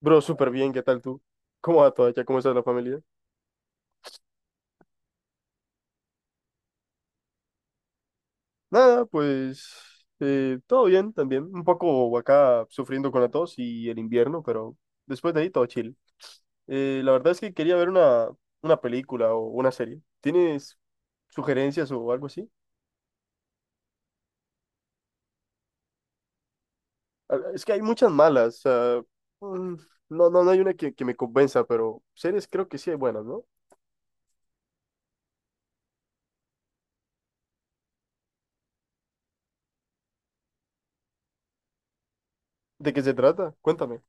Bro, súper bien, ¿qué tal tú? ¿Cómo va todo allá? ¿Cómo está la familia? Nada, pues todo bien también. Un poco acá sufriendo con la tos y el invierno, pero después de ahí todo chill. La verdad es que quería ver una película o una serie. ¿Tienes sugerencias o algo así? Es que hay muchas malas. Mm, no, no, no hay una que me convenza, pero series creo que sí hay buenas, ¿no? ¿De qué se trata? Cuéntame.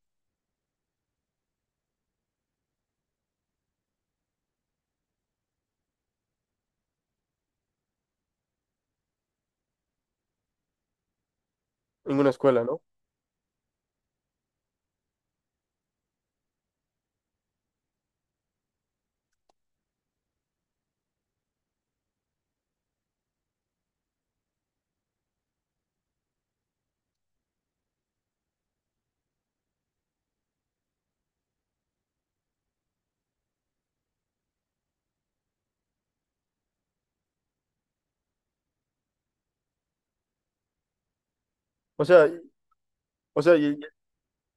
En una escuela, ¿no? O sea, o sea, y-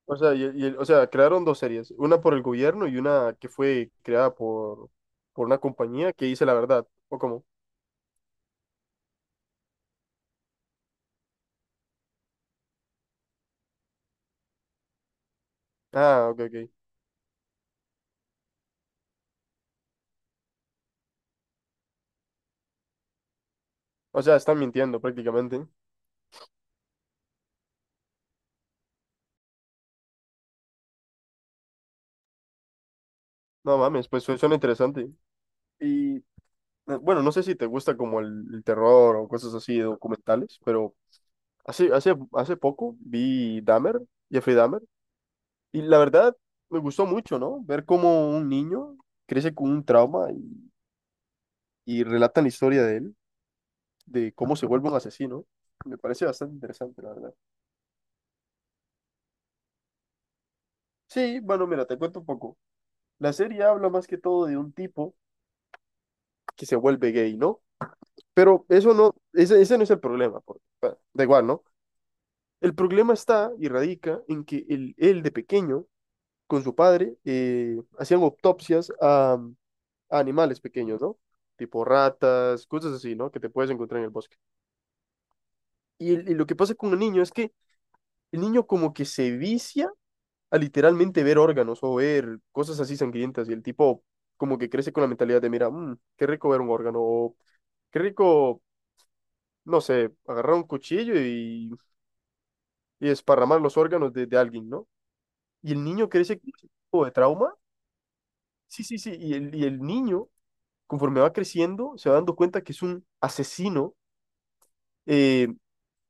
O sea, crearon dos series, una por el gobierno y una que fue creada por una compañía que dice la verdad. ¿O cómo? Ok, ok. O sea, están mintiendo prácticamente. No mames, pues suena interesante. Y bueno, no sé si te gusta como el terror o cosas así, documentales, pero hace poco vi Dahmer, Jeffrey Dahmer, y la verdad me gustó mucho, ¿no? Ver cómo un niño crece con un trauma y relatan la historia de él, de cómo se vuelve un asesino. Me parece bastante interesante, la verdad. Sí, bueno, mira, te cuento un poco. La serie habla más que todo de un tipo que se vuelve gay, ¿no? Pero eso no, ese no es el problema, porque, bueno, da igual, ¿no? El problema está y radica en que él de pequeño, con su padre, hacían autopsias a animales pequeños, ¿no? Tipo ratas, cosas así, ¿no? Que te puedes encontrar en el bosque. Y lo que pasa con el niño es que el niño como que se vicia a literalmente ver órganos o ver cosas así sangrientas, y el tipo como que crece con la mentalidad de, mira, "Mm, qué rico ver un órgano o qué rico, no sé, agarrar un cuchillo y esparramar los órganos de alguien, ¿no?" Y el niño crece con ese tipo de trauma. Sí, sí, sí, y el niño, conforme va creciendo, se va dando cuenta que es un asesino, eh,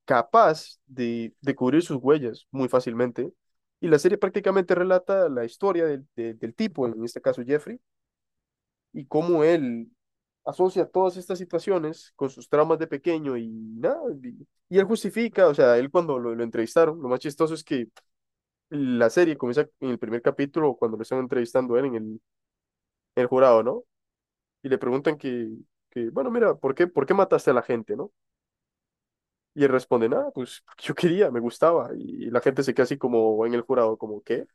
capaz de cubrir sus huellas muy fácilmente. Y la serie prácticamente relata la historia del tipo, en este caso Jeffrey, y cómo él asocia todas estas situaciones con sus traumas de pequeño y nada. Y él justifica, o sea, él cuando lo entrevistaron, lo más chistoso es que la serie comienza en el primer capítulo cuando lo están entrevistando a él en el jurado, ¿no? Y le preguntan que, bueno, mira, ¿por qué mataste a la gente, no? Y él responde, nada, pues porque yo quería, me gustaba. Y la gente se queda así como en el jurado, como, ¿qué?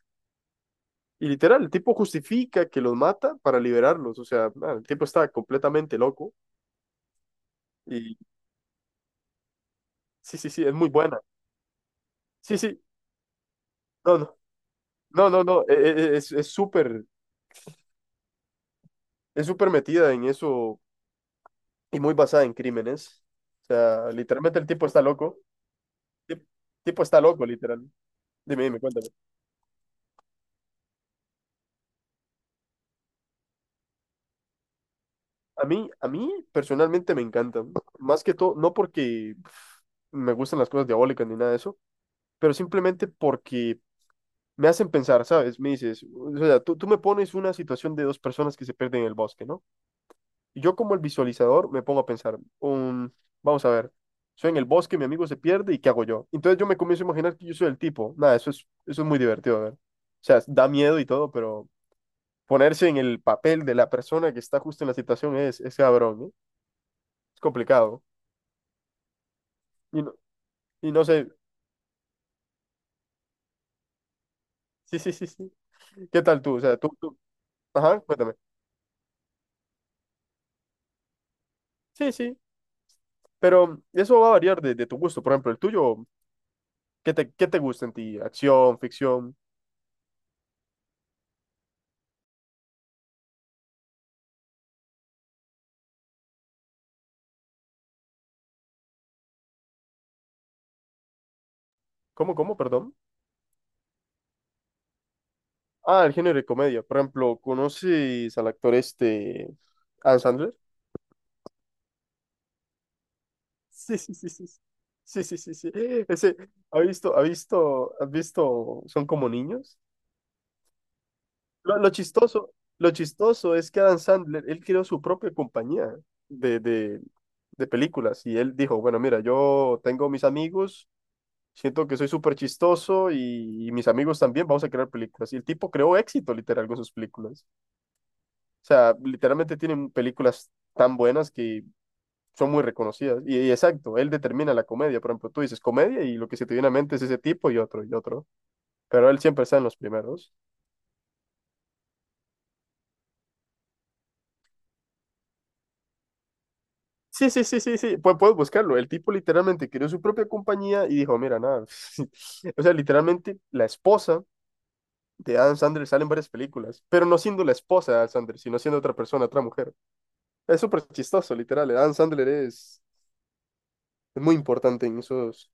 Y literal, el tipo justifica que los mata para liberarlos. O sea, nada, el tipo está completamente loco. Y sí, sí, sí, es muy buena. Sí, sí, no, no, no, no, no, es súper metida en eso y muy basada en crímenes. O sea, literalmente el tipo está loco. El tipo está loco, literal. Dime, dime, cuéntame. A mí personalmente me encanta. Más que todo, no porque pf, me gustan las cosas diabólicas ni nada de eso, pero simplemente porque me hacen pensar, ¿sabes? Me dices, o sea, tú me pones una situación de dos personas que se pierden en el bosque, ¿no? Yo como el visualizador me pongo a pensar, vamos a ver, soy en el bosque, mi amigo se pierde y ¿qué hago yo? Entonces yo me comienzo a imaginar que yo soy el tipo. Nada, eso es muy divertido de ver. O sea, da miedo y todo, pero ponerse en el papel de la persona que está justo en la situación es cabrón, ¿no? Es complicado. Y no, y no sé, sí, sí, sí, sí. ¿Qué tal tú? O sea, tú, ajá, cuéntame. Sí, sí, pero eso va a variar de tu gusto. Por ejemplo, el tuyo, ¿qué te gusta en ti? ¿Acción, ficción? ¿Cómo, cómo, perdón? El género de comedia. Por ejemplo, ¿conoces al actor este, Adam Sandler? Sí, sí, sí, sí. Sí, sí, sí, sí. Ese, ¿has visto, son como niños? Lo chistoso es que Adam Sandler, él creó su propia compañía de, de, de películas, y él dijo, bueno, mira, yo tengo mis amigos, siento que soy súper chistoso y mis amigos también, vamos a crear películas. Y el tipo creó éxito literal con sus películas. O sea, literalmente tienen películas tan buenas que son muy reconocidas. Y exacto, él determina la comedia. Por ejemplo, tú dices comedia y lo que se te viene a mente es ese tipo y otro y otro. Pero él siempre está en los primeros. Sí, sí, sí, sí, sí. Puedes buscarlo. El tipo literalmente creó su propia compañía y dijo, mira, nada. O sea, literalmente la esposa de Adam Sandler sale en varias películas, pero no siendo la esposa de Adam Sandler, sino siendo otra persona, otra mujer. Es súper chistoso, literal. Adam Sandler es muy importante en esos,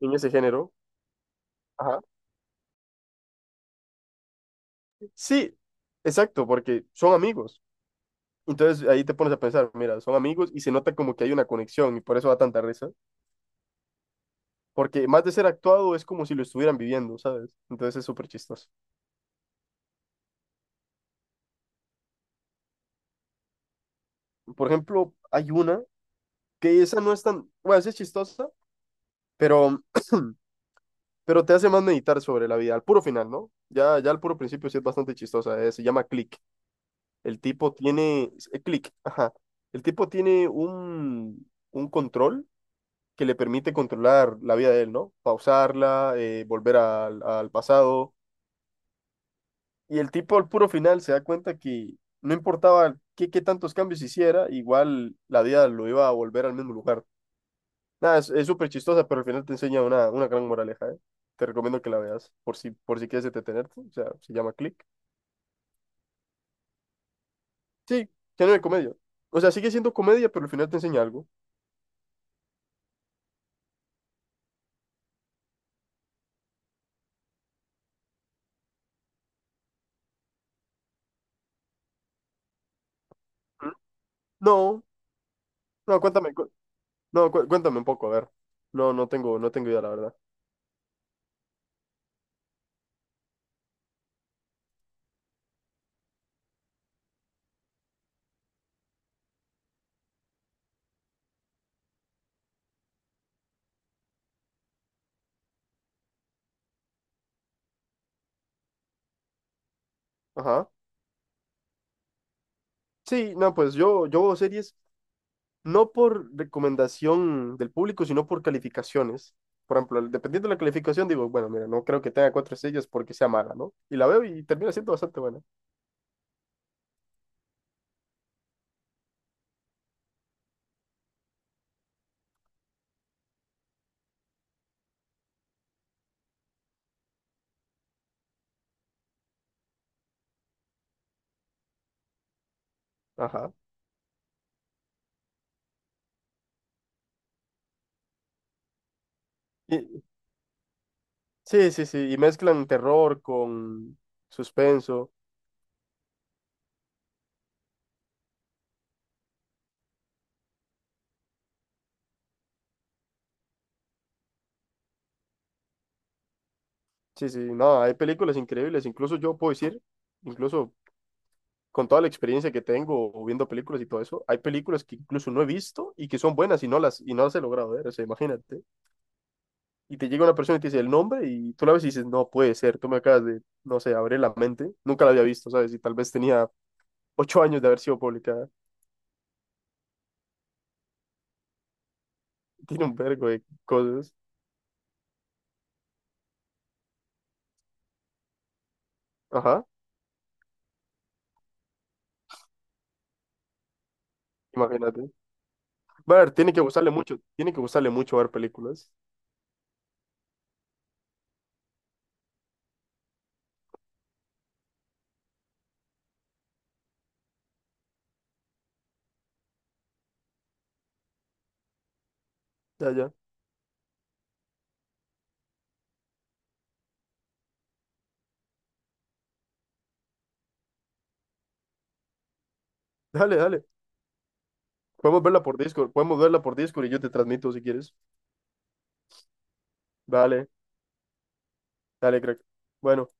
en ese género. Ajá. Sí, exacto, porque son amigos. Entonces ahí te pones a pensar, mira, son amigos y se nota como que hay una conexión y por eso da tanta risa. Porque más de ser actuado es como si lo estuvieran viviendo, ¿sabes? Entonces es súper chistoso. Por ejemplo, hay una que esa no es tan, bueno, esa es chistosa, pero, pero te hace más meditar sobre la vida, al puro final, ¿no? Ya, ya al puro principio sí es bastante chistosa, se llama Click. El tipo tiene, Click, ajá. El tipo tiene un control que le permite controlar la vida de él, ¿no? Pausarla, volver al pasado. Y el tipo al puro final se da cuenta que no importaba qué, qué tantos cambios hiciera, igual la vida lo iba a volver al mismo lugar. Nada, es súper chistosa, pero al final te enseña una gran moraleja, ¿eh? Te recomiendo que la veas, por si quieres entretenerte. O sea, se llama Click. Sí, género de comedia. O sea, sigue siendo comedia, pero al final te enseña algo. ¿Mm? No, no, cuéntame, no, cuéntame un poco, a ver. No, no tengo idea, la verdad. Ajá. Sí, no, pues yo veo series no por recomendación del público, sino por calificaciones. Por ejemplo, dependiendo de la calificación, digo, bueno, mira, no creo que tenga 4 estrellas porque sea mala, ¿no? Y la veo y termina siendo bastante buena. Ajá. Y- sí, sí, sí. Y mezclan terror con suspenso. Sí, sí. No, hay películas increíbles. Incluso yo puedo decir, incluso con toda la experiencia que tengo o viendo películas y todo eso, hay películas que incluso no he visto y que son buenas y y no las he logrado ver. O sea, imagínate. Y te llega una persona y te dice el nombre y tú la ves y dices, no puede ser, tú me acabas de, no sé, abrir la mente. Nunca la había visto, ¿sabes? Y tal vez tenía 8 años de haber sido publicada. Tiene un vergo de cosas. Ajá, imagínate. Va a ver, tiene que gustarle mucho, tiene que gustarle mucho ver películas. Ya, ya. Dale, dale. Podemos verla por Discord, podemos verla por Discord y yo te transmito si quieres. Dale, dale, crack. Bueno.